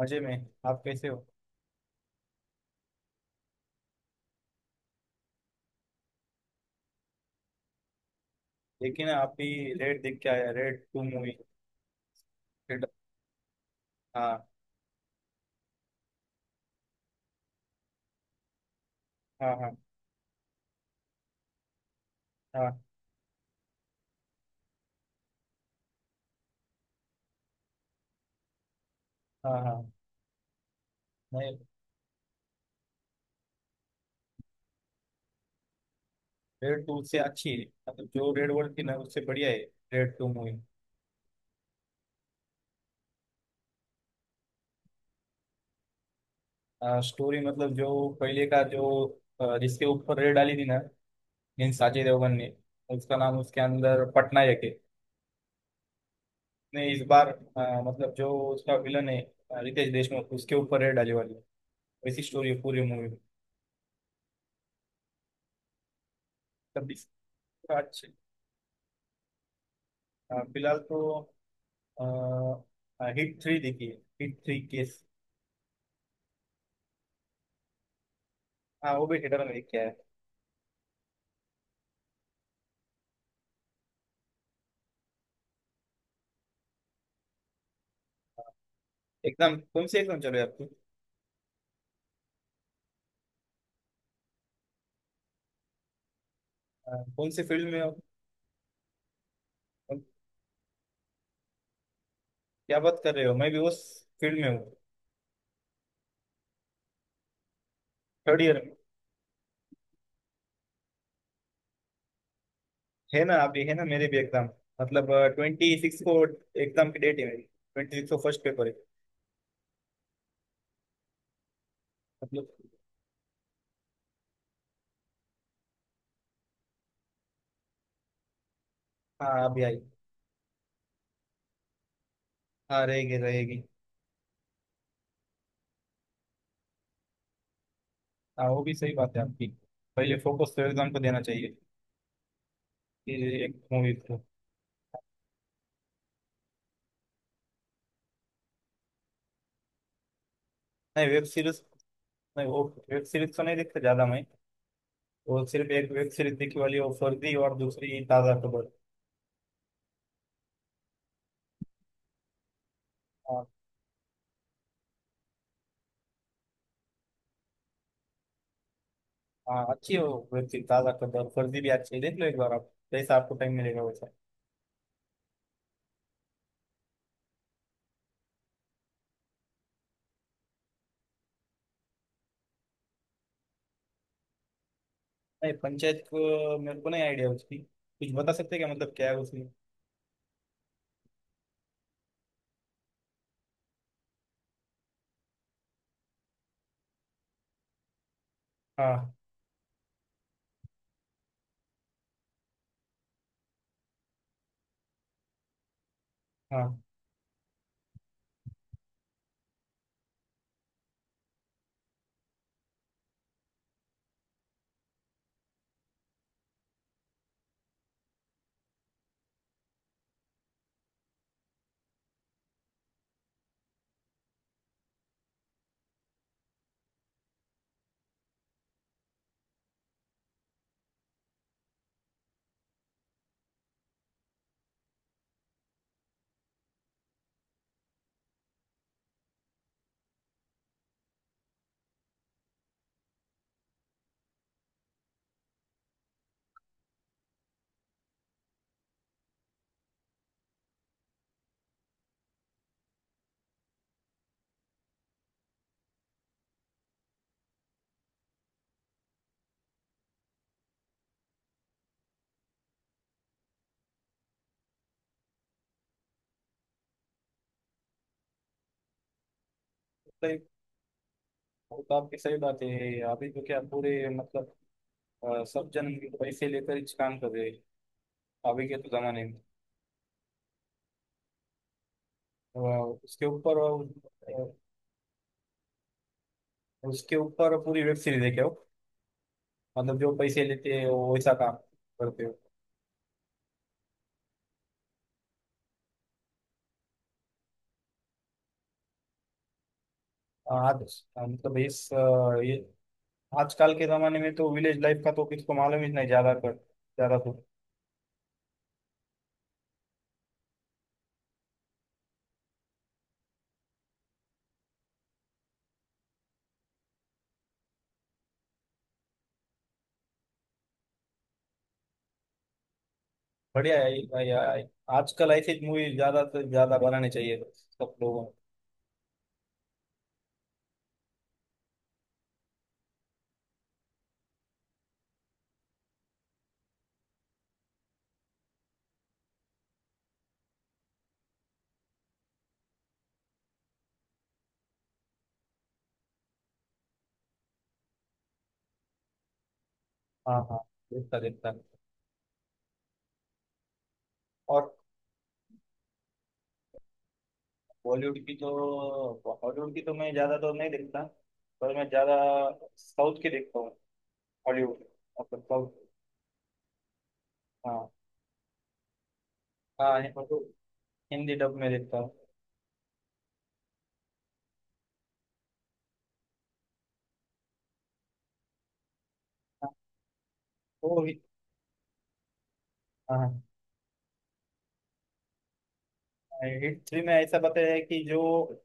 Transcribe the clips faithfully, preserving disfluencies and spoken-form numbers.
मजे में। आप कैसे हो? देखिए ना आप भी। रेड देख के आया, रेड टू मूवी, रेड। हाँ, हाँ, हाँ, हाँ, हाँ, हाँ। नहीं, रेड टू से अच्छी है, मतलब जो रेड वर्ल्ड की ना, उससे बढ़िया है रेड टू मूवी। स्टोरी मतलब जो पहले का जो अ, जिसके ऊपर रेड डाली थी ना, मीन अजय देवगन ने। उसका नाम उसके अंदर पटनायक है। नहीं, इस बार अ, मतलब जो उसका विलन है अ, रितेश देशमुख, उसके ऊपर रेड डाली वाली है। वैसी स्टोरी है पूरी मूवी में। तब इस- अच्छा। अ, फिलहाल तो आ, हिट थ्री देखिए। Hit three case. हाँ, वो भी थिएटर में देखा है। एकदम कौन से एकदम चल रहे आपकी? आ, कौन से फील्ड में हो? कौन- क्या बात कर रहे हो! मैं भी उस फील्ड में हूँ। थर्ड ईयर में। है ना, अभी है ना मेरे भी एग्जाम, मतलब ट्वेंटी सिक्स को एग्जाम की डेट है मेरी, ट्वेंटी सिक्स को फर्स्ट पेपर है। मतलब। हाँ, अभी आई। हाँ, रहेगी रहेगी। हाँ, वो भी सही बात है आपकी। पहले फोकस तो एग्जाम को देना चाहिए, ये एक मूवी को। नहीं, वेब सीरीज नहीं, वो वेब सीरीज तो नहीं देखता ज्यादा मैं। वो सिर्फ एक वेब सीरीज दिखी वाली, वो फर्जी और दूसरी ताजा खबर। हाँ। हाँ, अच्छी है वो वेब सीरीज ताजा खबर, फर्जी भी अच्छी है, देख लो एक बार आप, जैसा आपको टाइम मिलेगा वैसा। नहीं, पंचायत को मेरे को नहीं आइडिया उसकी, कुछ बता सकते हैं क्या, मतलब क्या है उसमें? हाँ। हाँ। सही। वो तो आपकी सही बात है, अभी तो क्या पूरे मतलब अ, सब जन पैसे लेकर इस काम कर रहे हैं, अभी के तो जमाने में। तो, अ, उसके ऊपर अ, उसके ऊपर पूरी वेब सीरीज है क्या वो, मतलब जो पैसे लेते हैं वो वैसा काम करते हैं। आज मतलब इस अ, ये आजकल के जमाने में तो विलेज लाइफ का तो किसको मालूम ही नहीं, ज्यादा कर ज्यादा तो। बढ़िया है ये भाई। आ- आजकल ऐसी मूवी ज्यादा से ज्यादा बनानी चाहिए सब लोगों को। हाँ, हाँ। देखता देखता। और। बॉलीवुड की तो, हॉलीवुड की तो मैं ज्यादा तो नहीं देखता, पर मैं ज्यादा साउथ की देखता हूँ। हॉलीवुड मतलब साउथ। हाँ, हाँ, हिंदी डब में देखता हूँ। हाँ, वो भी। हाँ, हिट थ्री में ऐसा बताया है कि जो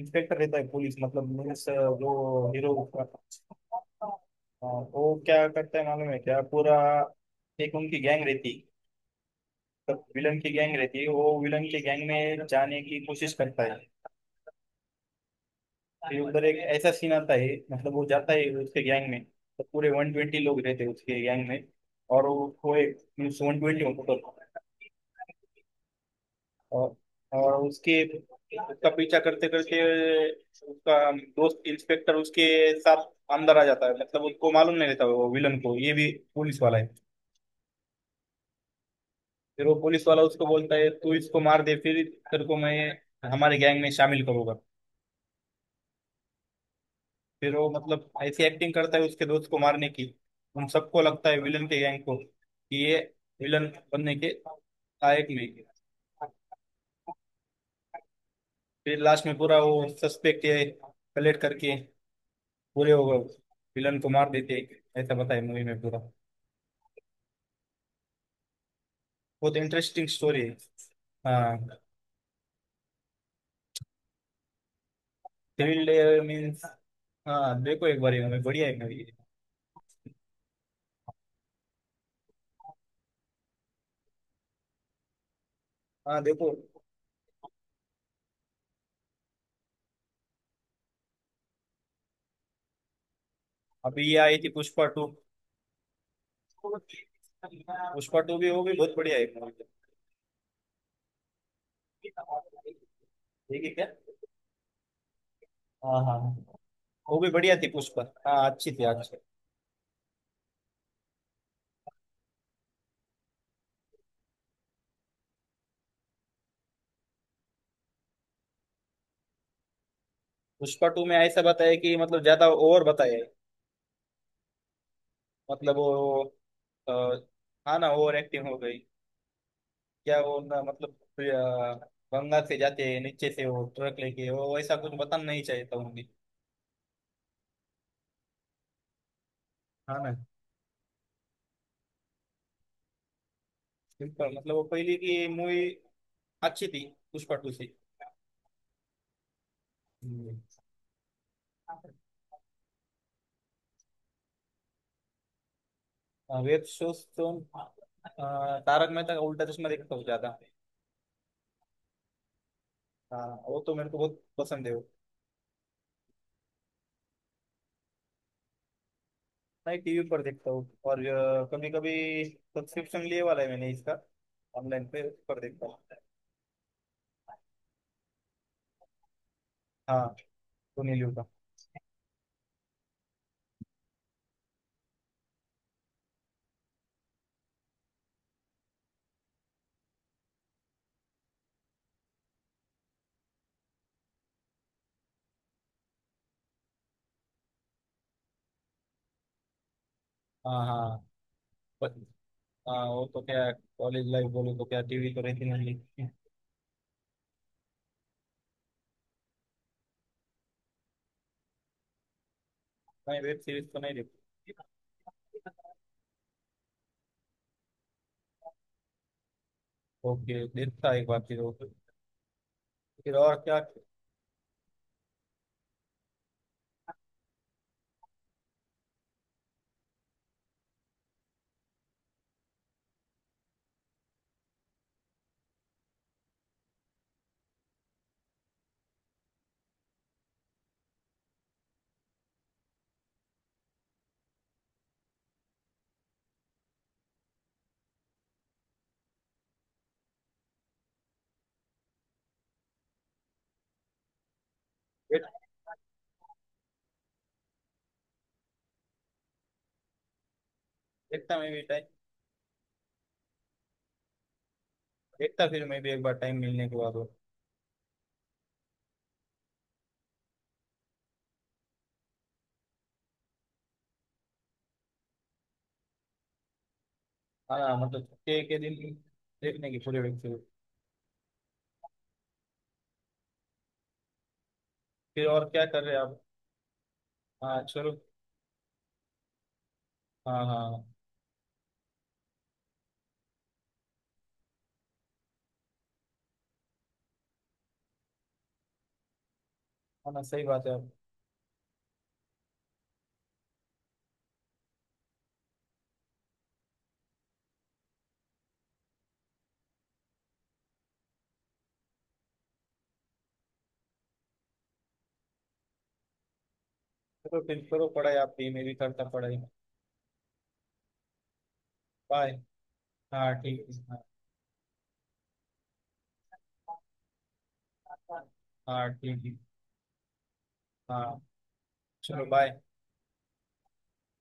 इंस्पेक्टर रहता है पुलिस, मतलब मीन्स जो हीरो उसका। हाँ, वो क्या करता है मालूम है क्या पूरा? एक उनकी गैंग रहती है, विलन की गैंग रहती है, वो विलन की गैंग में जाने की कोशिश करता है। फिर उधर एक ऐसा सीन आता है, मतलब वो जाता है उसके गैंग में तो पूरे वन ट्वेंटी लोग रहते हैं उसके गैंग में। और वो वो एक मीन्स वन ट्वेंटी। और, और उसके उसका पीछा करते करते उसका दोस्त इंस्पेक्टर उसके साथ अंदर आ जाता है, मतलब उसको मालूम नहीं रहता वो विलन को ये भी पुलिस वाला है। फिर वो पुलिस वाला उसको बोलता है, तू इसको मार दे, फिर तेरे को मैं हमारे गैंग में शामिल करूंगा। फिर वो मतलब ऐसी एक्टिंग करता है उसके दोस्त को मारने की। उन सबको लगता है विलन के गैंग को कि ये विलन बनने के लायक नहीं है। फिर लास्ट में पूरा वो सस्पेक्ट कलेक्ट करके पूरे वो विलन को मार देते हैं, ऐसा बताया मूवी में पूरा। बहुत इंटरेस्टिंग स्टोरी है। हाँ। Thrill means. हाँ, देखो एक बार ये movie, बढ़िया है मूवी। हाँ, देखो। अभी ये आई थी पुष्पा टू। पुष्पा टू भी, वो भी बहुत बढ़िया है मूवी। देखिए क्या। हाँ, हाँ। वो भी बढ़िया थी पुष्पा, हाँ अच्छी थी, अच्छी। पुष्पा टू में ऐसा बताया कि मतलब ज्यादा ओवर बताया है। मतलब वो अ, हाँ ना, ओवर एक्टिंग हो गई क्या वो ना, मतलब अ, गंगा से जाते हैं नीचे से वो ट्रक लेके, वो ऐसा कुछ बताना नहीं चाहिए था उन्हें। हाँ ना, सिंपल मतलब वो पहले की मूवी अच्छी थी पुष्पा टू से। हम्म। वेब शोज तो अ, तारक मेहता का उल्टा चश्मा देखता हूँ ज्यादा। हाँ, वो तो मेरे को बहुत पसंद है वो। मैं टीवी पर देखता हूँ और कभी कभी सब्सक्रिप्शन लिए वाला है मैंने इसका, ऑनलाइन पे उस पर देखता हूँ। हाँ, सुनील का। हाँ, हाँ। हाँ, वो तो क्या, कॉलेज लाइफ बोले तो क्या टीवी तो रहती नहीं थी। नहीं, वेब सीरीज तो नहीं देखती। ओके, देखता एक बार फिर वो। फिर और क्या? देख, देखता मैं भी टाइम। देखता फिर मैं भी एक बार टाइम मिलने के बाद वो। हाँ, मतलब छुट्टी के दिन देखने की पूरी वेब सीरीज। फिर और क्या कर रहे हैं आप? हाँ, चलो। हाँ, हाँ। हाँ ना, सही बात है आप। चलो फिर करो पढ़ाई आप भी, मैं भी करता पढ़ाई। बाय। हाँ, ठीक है। हाँ। हाँ, ठीक है। हाँ, चलो, बाय।